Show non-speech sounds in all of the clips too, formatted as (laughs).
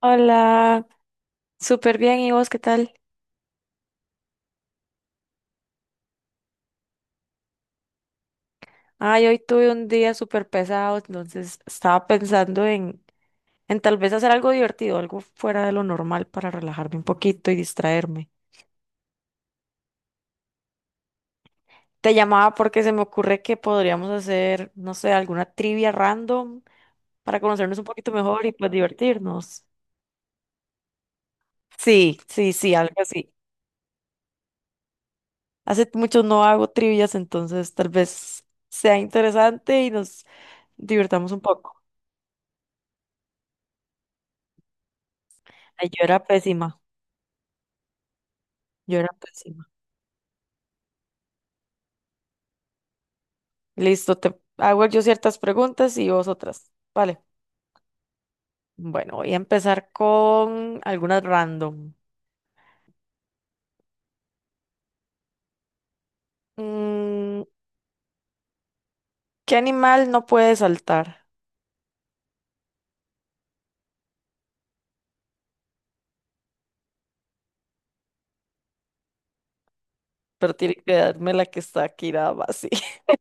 Hola, súper bien. ¿Y vos qué tal? Ay, hoy tuve un día súper pesado, entonces estaba pensando en tal vez hacer algo divertido, algo fuera de lo normal para relajarme un poquito y distraerme. Te llamaba porque se me ocurre que podríamos hacer, no sé, alguna trivia random para conocernos un poquito mejor y pues divertirnos. Sí, sí, sí, algo así. Hace mucho no hago trivias, entonces tal vez sea interesante y nos divirtamos un poco. Ay, yo era pésima. Listo, te hago yo ciertas preguntas y vos otras. Vale. Bueno, voy a empezar con algunas random. Mm, ¿Qué animal no puede saltar? Pero tiene que darme la que está aquí nada más. Sí. (laughs)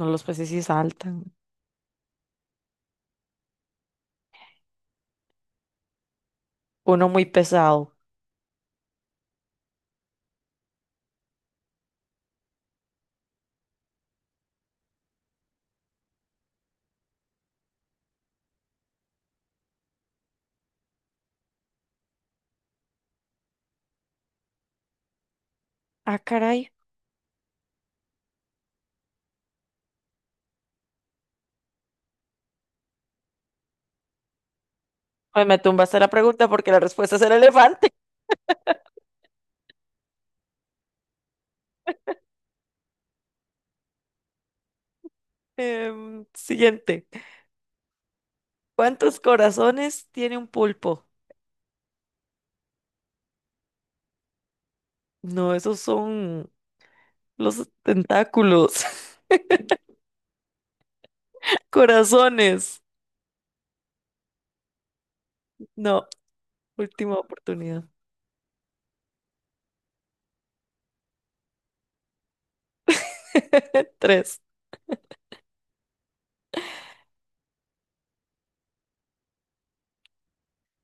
No, los peces sí saltan. Uno muy pesado. Ah, caray. Ay, me tumbaste la pregunta porque la respuesta es el elefante. (laughs) Siguiente. ¿Cuántos corazones tiene un pulpo? No, esos son los tentáculos. (laughs) Corazones. No. Última oportunidad. (laughs) Tres.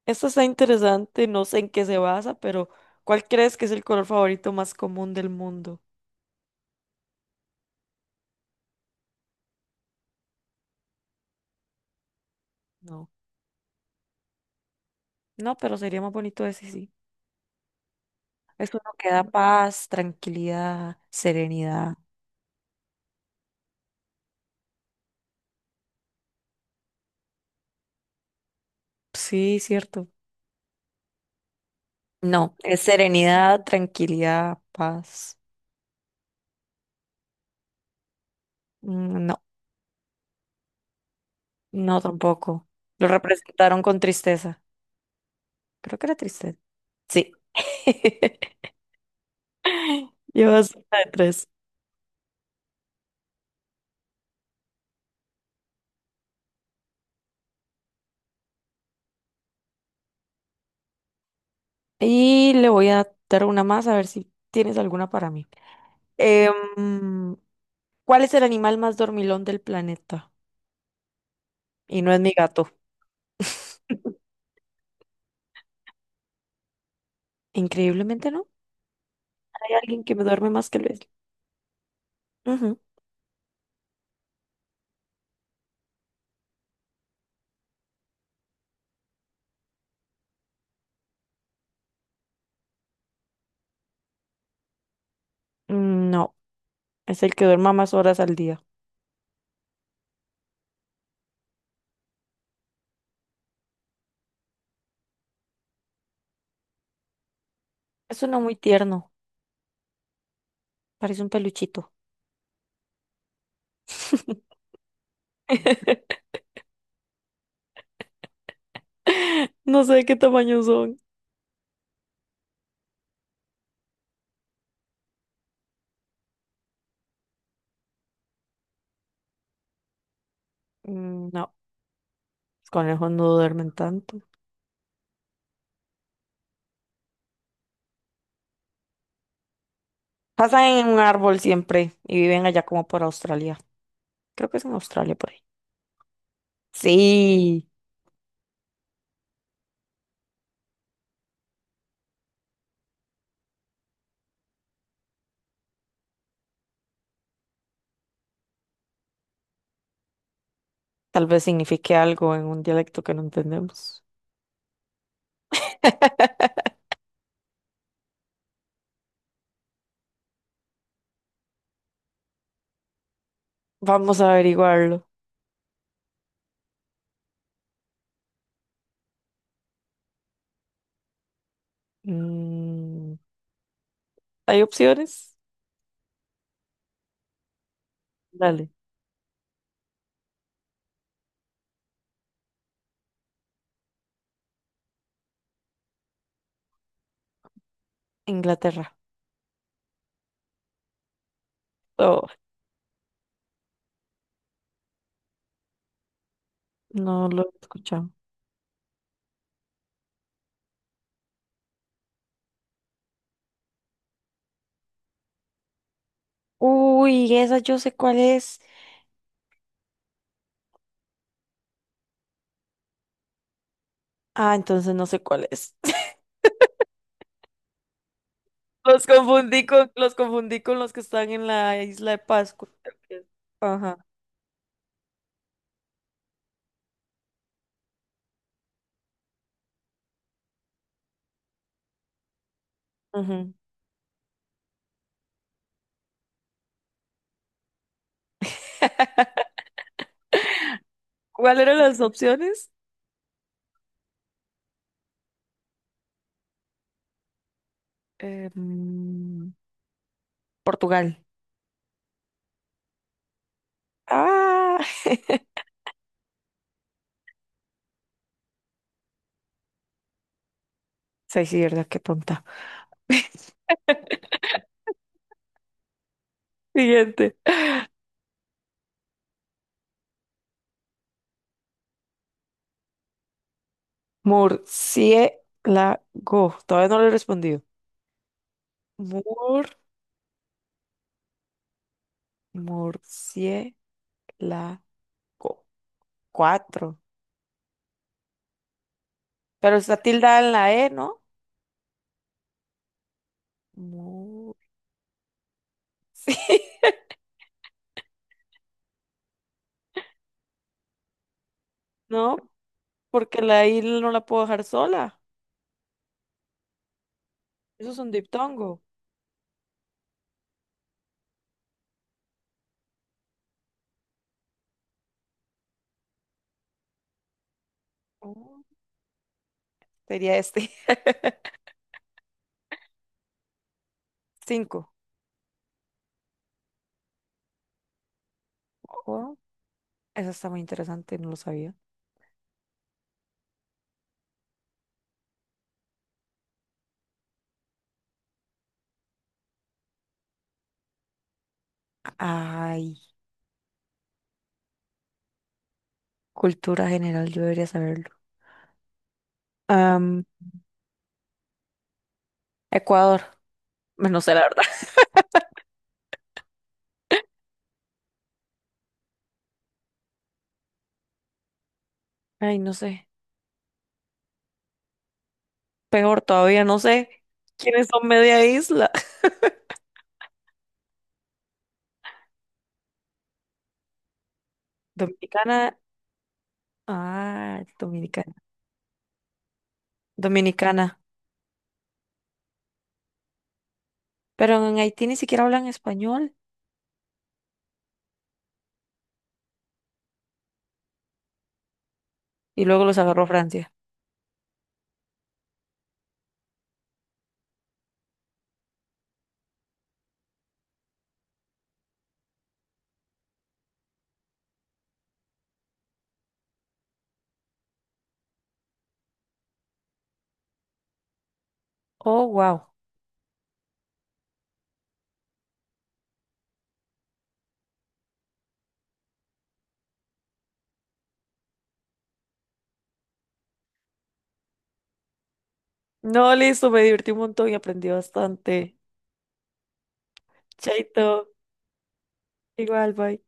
Esta está interesante, no sé en qué se basa, pero ¿cuál crees que es el color favorito más común del mundo? No. No, pero sería más bonito ese sí. Es uno que da paz, tranquilidad, serenidad. Sí, cierto. No, es serenidad, tranquilidad, paz. Mm, No, no tampoco. Lo representaron con tristeza. Creo que era tristeza. Sí. (laughs) Llevas una de tres. Y le voy a dar una más a ver si tienes alguna para mí. Em, ¿Cuál es el animal más dormilón del planeta? Y no es mi gato. (laughs) Increíblemente no. Hay alguien que me duerme más que Luis. Ujú. No, es el que duerma más horas al día. Es uno muy tierno. Parece un peluchito. (laughs) No sé de qué tamaño son. No, los conejos no duermen tanto. Pasan en un árbol siempre y viven allá como por Australia. Creo que es en Australia por ahí. Sí. Tal vez signifique algo en un dialecto que no entendemos. (laughs) Vamos a averiguarlo. Mm, ¿hay opciones? Dale. Inglaterra. Oh, no lo he escuchado. Uy, esa yo sé cuál es. Ah, entonces no sé cuál es. (laughs) Los confundí con los que están en la isla de Pascua. Creo que es. Ajá. Ujú. (laughs) ¿Cuáles eran las opciones? Eh, mm, Portugal. Ah, (laughs) sí, sí, verdad, qué tonta. (laughs) Siguiente. Murciélago. Todavía no le he respondido. Mur, murciélago. Cuatro. Pero está tildada en la E, ¿no? Mur. (laughs) No, porque la I no la puedo dejar sola. Eso es un diptongo. Oh, sería este. (laughs) Cinco. Oh, eso está muy interesante, no lo sabía. Ay, cultura general, yo debería saberlo. Am, Ecuador. Bueno, no sé, la verdad. (laughs) Ay, no sé. Peor todavía, no sé quiénes son media isla. (laughs) Dominicana. Ah, dominicana. Dominicana. Pero en Haití ni siquiera hablan español. Y luego los agarró Francia. Oh, wow. No, listo, me divertí un montón y aprendí bastante. Chaito. Igual, bye.